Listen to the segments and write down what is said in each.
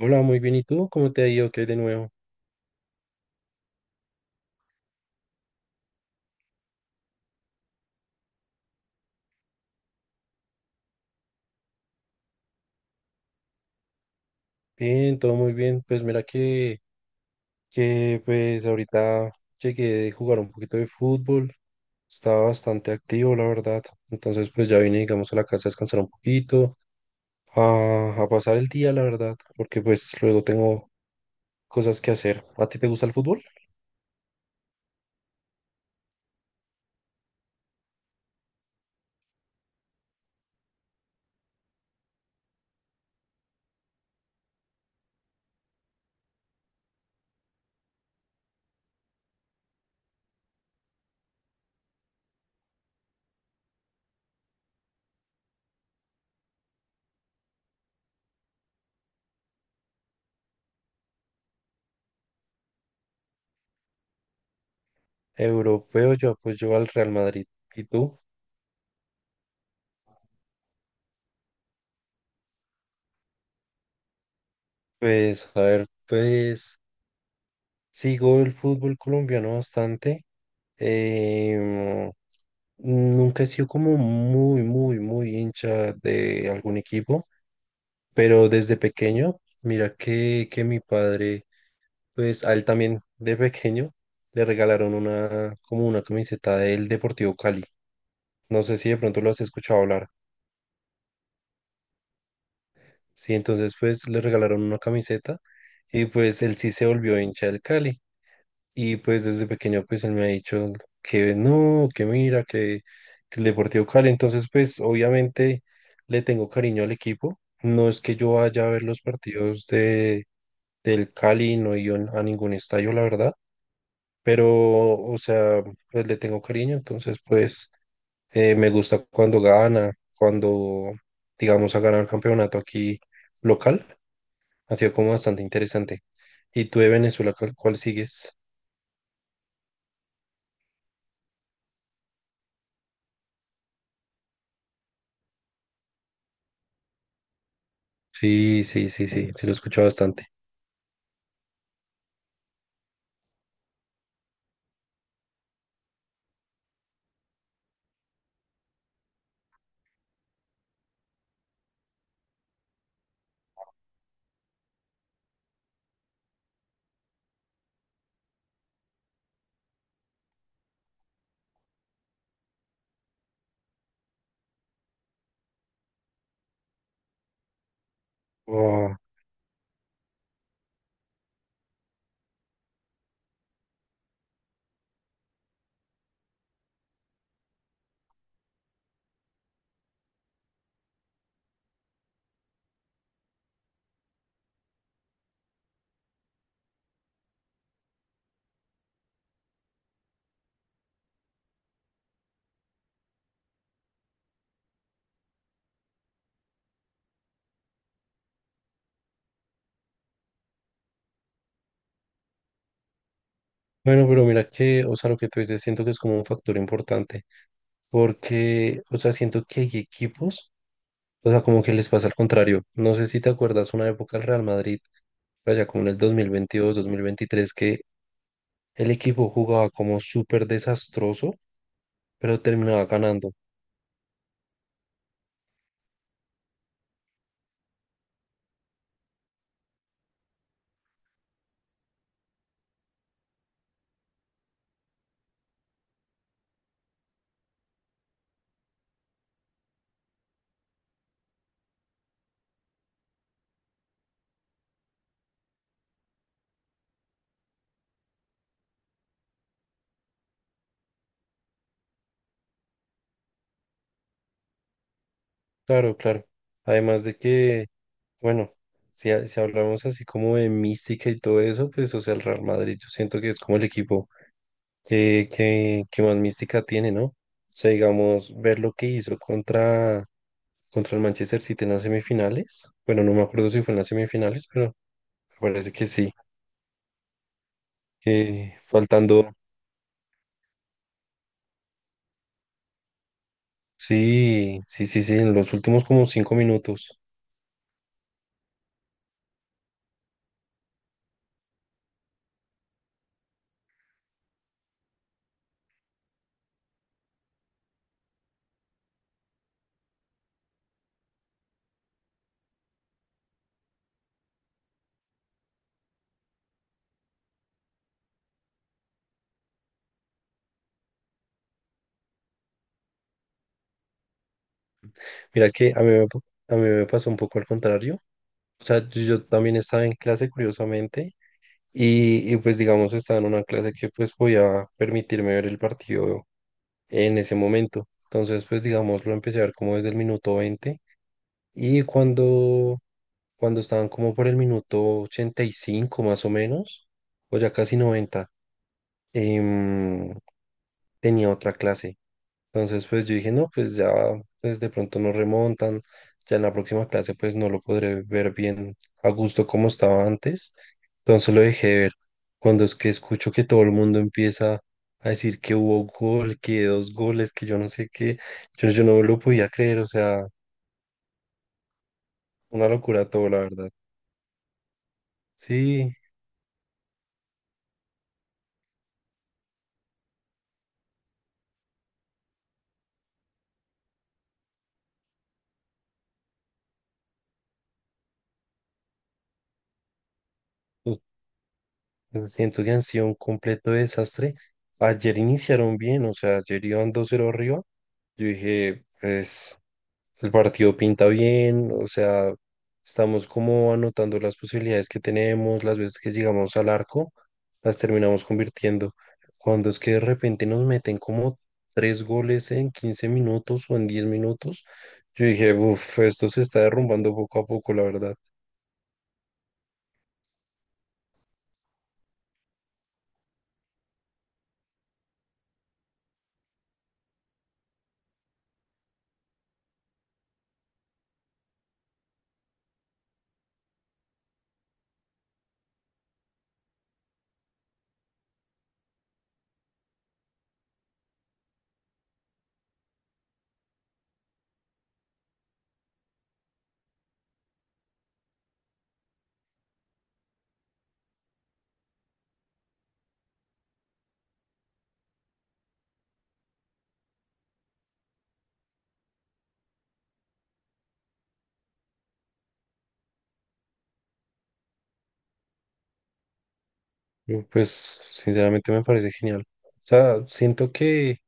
Hola, muy bien. ¿Y tú? ¿Cómo te ha ido? ¿Qué hay de nuevo? Bien, todo muy bien. Pues mira que pues ahorita llegué de jugar un poquito de fútbol. Estaba bastante activo, la verdad. Entonces pues ya vine, digamos, a la casa a descansar un poquito, a pasar el día, la verdad, porque pues luego tengo cosas que hacer. ¿A ti te gusta el fútbol? Europeo, yo pues yo al Real Madrid. ¿Y tú? Pues a ver, pues sigo el fútbol colombiano bastante. Em, Nunca he sido como muy, muy, muy hincha de algún equipo, pero desde pequeño, mira que mi padre, pues a él también de pequeño le regalaron una, como una camiseta del Deportivo Cali. No sé si de pronto lo has escuchado hablar. Sí, entonces pues le regalaron una camiseta y pues él sí se volvió hincha del Cali. Y pues desde pequeño pues él me ha dicho que no, que mira, que el Deportivo Cali. Entonces pues obviamente le tengo cariño al equipo. No es que yo vaya a ver los partidos del Cali, no he ido a ningún estadio, la verdad. Pero, o sea, pues le tengo cariño. Entonces pues me gusta cuando gana, cuando digamos ha ganado el campeonato aquí local. Ha sido como bastante interesante. ¿Y tú de Venezuela, cuál sigues? Sí, sí, sí, sí, sí lo he escuchado bastante. Oh. Bueno, pero mira que, o sea, lo que tú dices, siento que es como un factor importante, porque, o sea, siento que hay equipos, o sea, como que les pasa al contrario. No sé si te acuerdas una época del Real Madrid, allá como en el 2022 2023 que el equipo jugaba como súper desastroso, pero terminaba ganando. Claro, claro. Además de que, bueno, si, si hablamos así como de mística y todo eso, pues, o sea, el Real Madrid, yo siento que es como el equipo qué más mística tiene, ¿no? O sea, digamos, ver lo que hizo contra el Manchester City en las semifinales. Bueno, no me acuerdo si fue en las semifinales, pero me parece que sí. Que faltando, sí, sí, sí, sí, en los últimos como 5 minutos. Mira que a mí me pasó un poco al contrario. O sea, yo también estaba en clase, curiosamente, y pues digamos estaba en una clase que pues podía permitirme ver el partido en ese momento. Entonces pues digamos lo empecé a ver como desde el minuto 20 y cuando estaban como por el minuto 85 más o menos, o ya casi 90, em, tenía otra clase. Entonces, pues yo dije, no, pues ya, pues de pronto no remontan, ya en la próxima clase pues no lo podré ver bien a gusto como estaba antes. Entonces lo dejé de ver. Cuando es que escucho que todo el mundo empieza a decir que hubo gol, que dos goles, que yo no sé qué, yo no me lo podía creer, o sea, una locura todo, la verdad. Sí, u- siento que han sido un completo desastre. Ayer iniciaron bien, o sea, ayer iban 2-0 arriba. Yo dije, pues... El partido pinta bien, o sea, estamos como anotando las posibilidades que tenemos, las veces que llegamos al arco, las terminamos convirtiendo. Cuando es que de repente nos meten como tres goles en 15 minutos o en 10 minutos, yo dije, uff, esto se está derrumbando poco a poco, la verdad. Pues sinceramente me parece genial. O sea, siento que,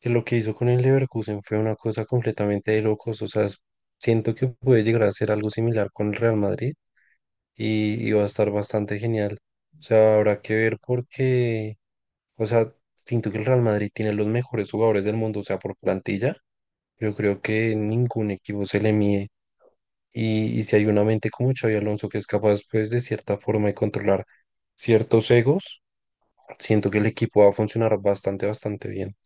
que lo que hizo con el Leverkusen fue una cosa completamente de locos, o sea, siento que puede llegar a ser algo similar con el Real Madrid y va a estar bastante genial. O sea, habrá que ver porque, o sea, siento que el Real Madrid tiene los mejores jugadores del mundo, o sea, por plantilla, yo creo que ningún equipo se le mide. Y si hay una mente como Xavi Alonso que es capaz, pues, de cierta forma de controlar ciertos egos, siento que el equipo va a funcionar bastante, bastante bien.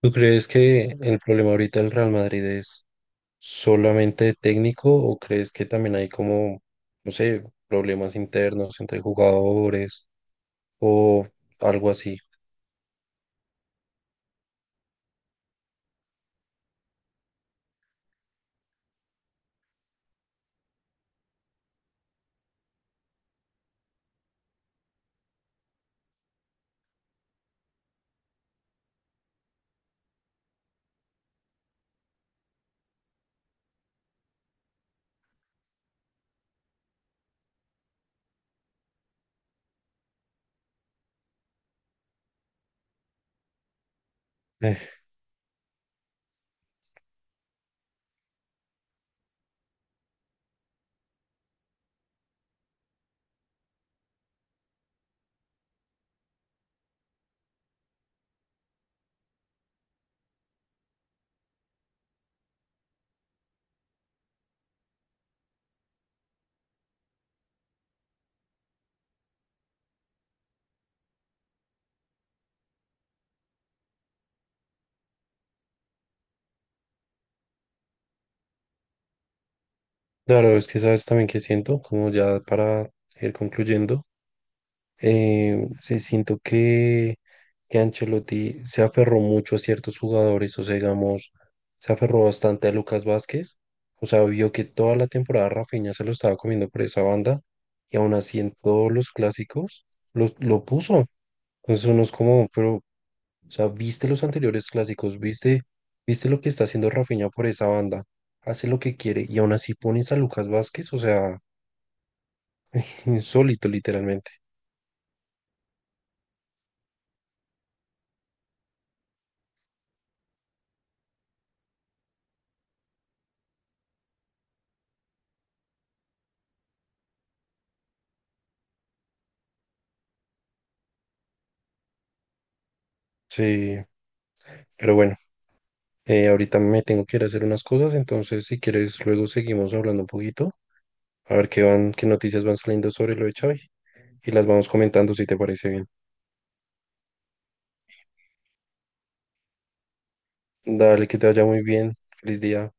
¿Tú crees que el problema ahorita del Real Madrid es solamente de técnico o crees que también hay como, no sé, problemas internos entre jugadores o algo así? Eh, claro, es que sabes también que siento, como ya para ir concluyendo. Sí, siento que Ancelotti se aferró mucho a ciertos jugadores, o sea, digamos, se aferró bastante a Lucas Vázquez, o sea, vio que toda la temporada Rafinha se lo estaba comiendo por esa banda y aún así en todos los clásicos lo puso. Entonces uno es como, pero, o sea, viste los anteriores clásicos, viste lo que está haciendo Rafinha por esa banda, hace lo que quiere y aún así pones a Lucas Vázquez, o sea, insólito literalmente. Sí, pero bueno. Ahorita me tengo que ir a hacer unas cosas, entonces si quieres luego seguimos hablando un poquito, a ver qué van, qué noticias van saliendo sobre lo de Xavi y las vamos comentando si te parece bien. Dale, que te vaya muy bien. Feliz día.